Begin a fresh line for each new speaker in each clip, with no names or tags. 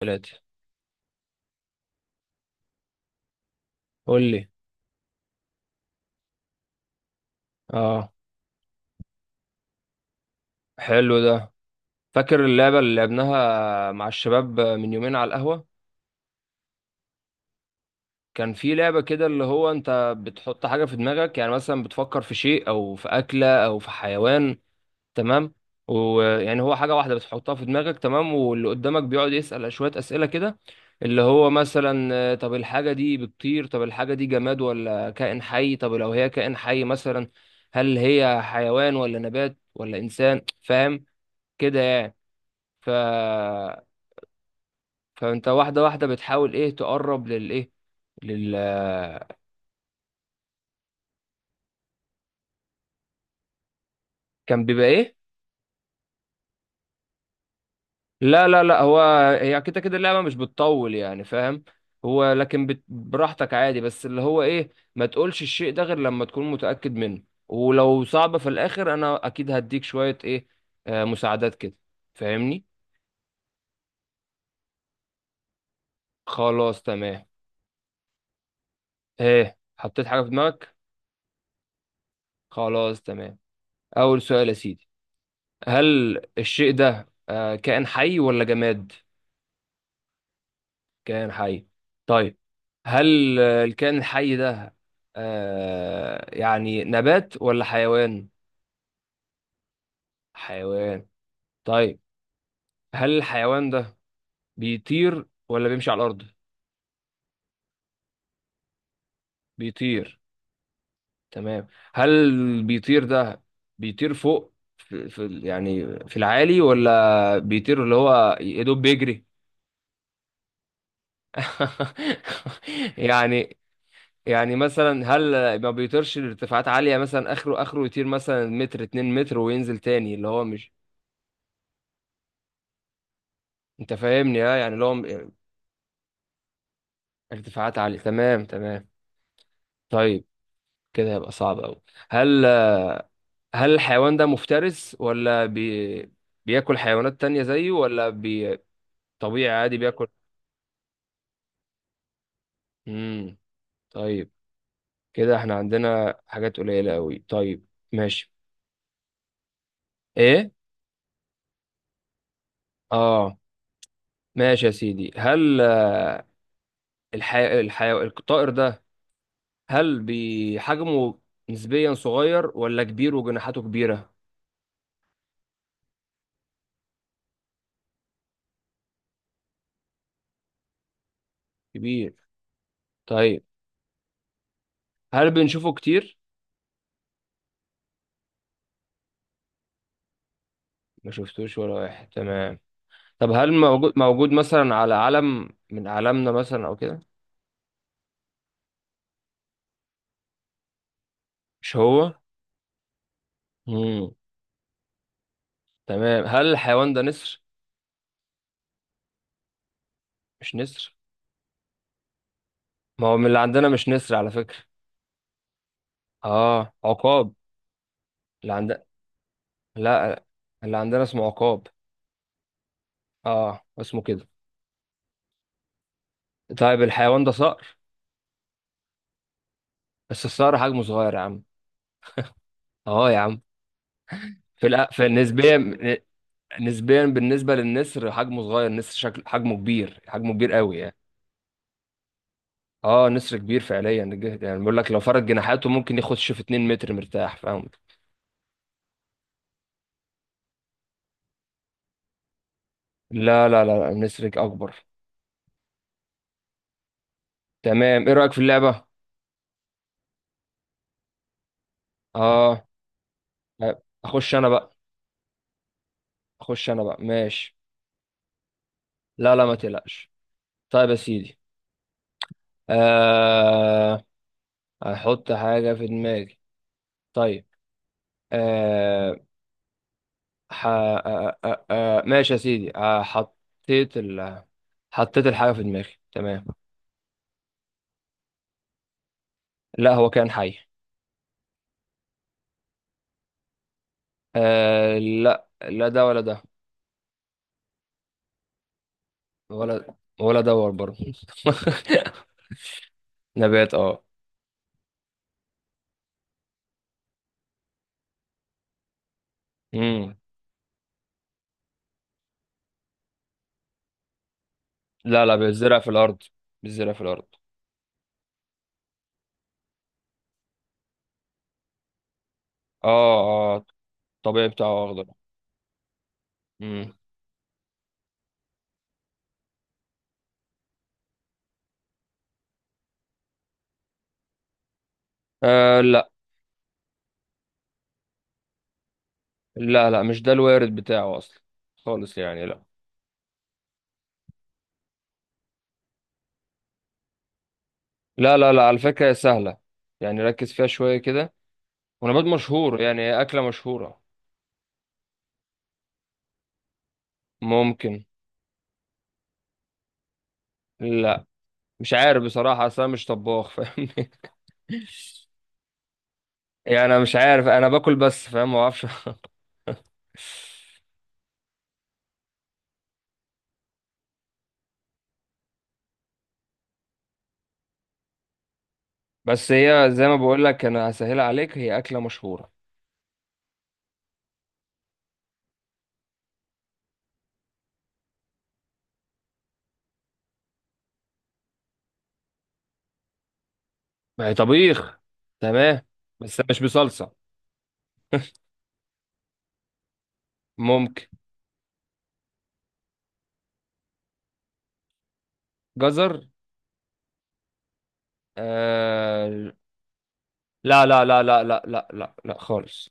ثلاثة. قول لي. اه، حلو ده. فاكر اللعبة اللي لعبناها مع الشباب من يومين على القهوة؟ كان في لعبة كده، اللي هو انت بتحط حاجة في دماغك، يعني مثلا بتفكر في شيء او في أكلة او في حيوان. تمام؟ ويعني هو حاجة واحدة بتحطها في دماغك، تمام، واللي قدامك بيقعد يسأل شوية أسئلة كده، اللي هو مثلا طب الحاجة دي بتطير، طب الحاجة دي جماد ولا كائن حي، طب لو هي كائن حي مثلا هل هي حيوان ولا نبات ولا إنسان، فاهم؟ كده يعني. ف فانت واحده واحده بتحاول ايه، تقرب للايه لل كان بيبقى ايه؟ لا لا لا، هو هي كده كده اللعبه مش بتطول يعني، فاهم؟ هو لكن براحتك عادي، بس اللي هو ايه، ما تقولش الشيء ده غير لما تكون متاكد منه، ولو صعبه في الاخر انا اكيد هديك شويه ايه، آه، مساعدات كده. فاهمني؟ خلاص تمام. ايه حطيت حاجه في دماغك؟ خلاص تمام. اول سؤال يا سيدي، هل الشيء ده كائن حي ولا جماد؟ كائن حي. طيب، هل الكائن الحي ده يعني نبات ولا حيوان؟ حيوان. طيب، هل الحيوان ده بيطير ولا بيمشي على الأرض؟ بيطير. تمام. هل بيطير ده بيطير فوق في يعني في العالي، ولا بيطير اللي هو يا دوب بيجري؟ يعني. يعني مثلا هل ما بيطيرش لارتفاعات عالية، مثلا اخره اخره يطير مثلا متر، اتنين متر وينزل تاني، اللي هو مش، انت فاهمني؟ ها يعني، لو ارتفاعات عالية. تمام تمام. طيب، كده هيبقى صعب أوي. هل هل الحيوان ده مفترس، ولا بياكل حيوانات تانية زيه، ولا طبيعي عادي بياكل؟ امم. طيب كده احنا عندنا حاجات قليلة أوي، طيب. ماشي. ايه. اه. ماشي يا سيدي، هل الطائر ده، هل بحجمه نسبيا صغير ولا كبير وجناحاته كبيرة؟ كبير. طيب، هل بنشوفه كتير؟ ما شفتوش ولا واحد، تمام. طب هل موجود موجود مثلا على علم من أعلامنا مثلا أو كده؟ مش هو. مم. تمام. هل الحيوان ده نسر؟ مش نسر؟ ما هو من اللي عندنا مش نسر على فكرة. اه عقاب. اللي عندنا. لا. اللي عندنا اسمه عقاب. اه اسمه كده. طيب الحيوان ده صقر؟ بس الصقر حجمه صغير يا عم. اه يا عم. في الأ... في نسبيا نسبيا بالنسبة للنسر حجمه صغير، النسر شكل حجمه كبير، حجمه كبير قوي يعني. اه، نسر كبير فعليا، يعني بيقول لك لو فرد جناحاته ممكن يخش في 2 متر مرتاح، فاهم؟ لا لا لا لا، النسر اكبر. تمام، ايه رأيك في اللعبة؟ اه. اخش انا بقى. ماشي. لا لا ما تقلقش. طيب يا سيدي، آه هحط حاجة في دماغي. طيب، آه ح... آه آه آه آه، ماشي يا سيدي، آه، حطيت الحاجة في دماغي، تمام. لا هو كان حي. آه لا لا، ده ولا ده. ولا، دور برضه نبات اه. امم. لا لا، بيتزرع في الارض. بيتزرع في الارض اه. اه، الطبيعي بتاعه اخضر. امم. آه لا لا لا، مش ده الوارد بتاعه اصلا خالص، يعني لا. لا لا لا، على فكرة هي سهلة، يعني ركز فيها شوية كده، ونبات مشهور يعني، هي أكلة مشهورة. ممكن. لا، مش عارف بصراحة، أصل أنا مش طباخ، فاهمني؟ يعني أنا مش عارف، أنا باكل بس فاهم، ما أعرفش بس هي زي ما بقول لك، انا هسهلها عليك، هي اكله مشهوره. ما هي طبيخ، تمام. بس مش بصلصه. ممكن. جزر. آه... لا لا لا لا لا لا لا لا خالص.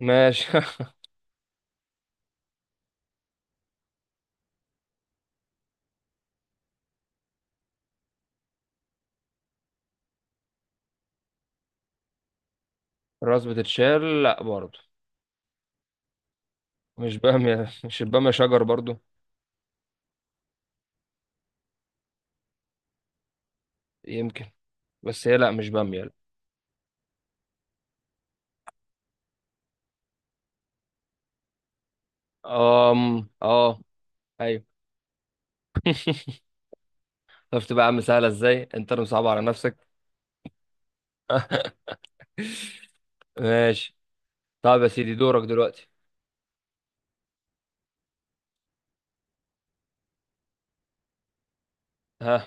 ماشي الراس بتتشال، لا برضه. مش باميه؟ مش الباميه شجر برضه؟ يمكن. بس هي لا، مش باميه لا. أم اه. ايوه. شفت بقى يا عم، سهله ازاي، انت اللي مصعب على نفسك ماشي. طب يا سيدي دورك دلوقتي. ها.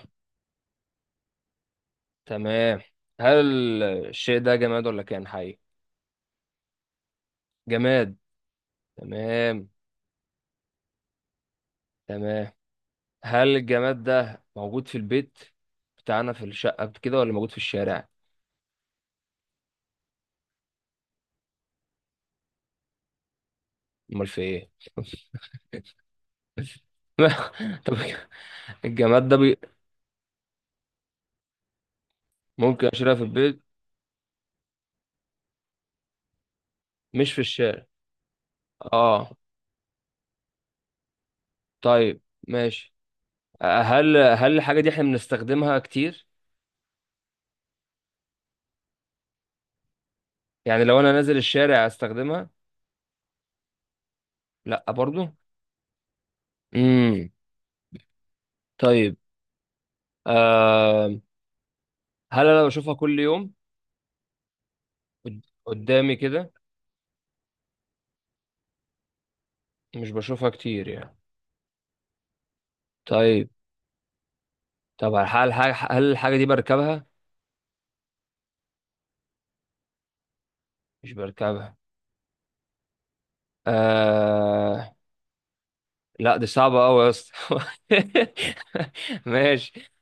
تمام. هل الشيء ده جماد ولا كائن حي؟ جماد. تمام تمام. هل الجماد ده موجود في البيت بتاعنا في الشقة كده، ولا موجود في الشارع؟ امال في ايه؟ طب الجماد ده ممكن اشتريها في البيت. مش في الشارع. اه. طيب، ماشي. هل الحاجة دي احنا بنستخدمها كتير؟ يعني لو انا نازل الشارع استخدمها؟ لا برضو. امم. طيب، آه... هل انا بشوفها كل يوم قدامي كده؟ مش بشوفها كتير يعني. طيب. طب هل الحاجة دي بركبها؟ مش بركبها. آه... لا دي صعبة أوي يا اسطى ماشي.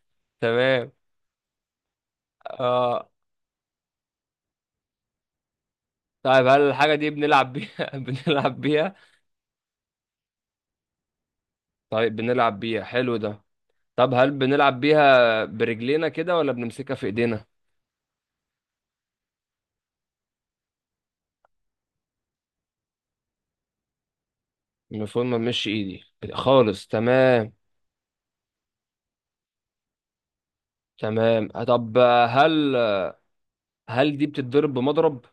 تمام. آه... طيب هل الحاجة دي بنلعب بيها؟ بنلعب بيها؟ طيب بنلعب بيها، حلو ده. طب هل بنلعب بيها برجلينا كده ولا بنمسكها في ايدينا؟ المفروض ما بنمشي ايدي خالص، تمام. تمام، طب هل هل دي بتتضرب بمضرب؟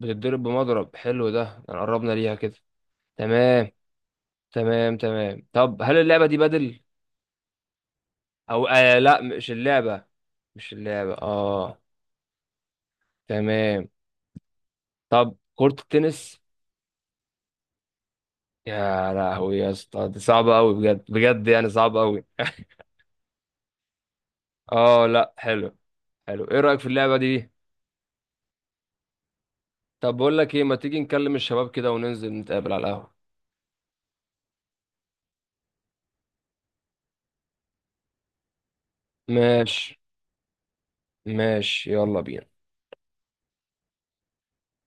بتتضرب بمضرب، حلو ده، يعني قربنا ليها كده. تمام. تمام تمام، طب هل اللعبة دي بدل، او آه لا، مش اللعبة، مش اللعبة اه. تمام. طب كرة التنس؟ يا لهوي يا اسطى، دي صعبة قوي بجد بجد، يعني صعبة قوي اه لا حلو. حلو، ايه رأيك في اللعبة دي؟ طب بقول لك ايه، ما تيجي نكلم الشباب كده وننزل نتقابل على القهوة؟ ماشي. ماشي يلا بينا.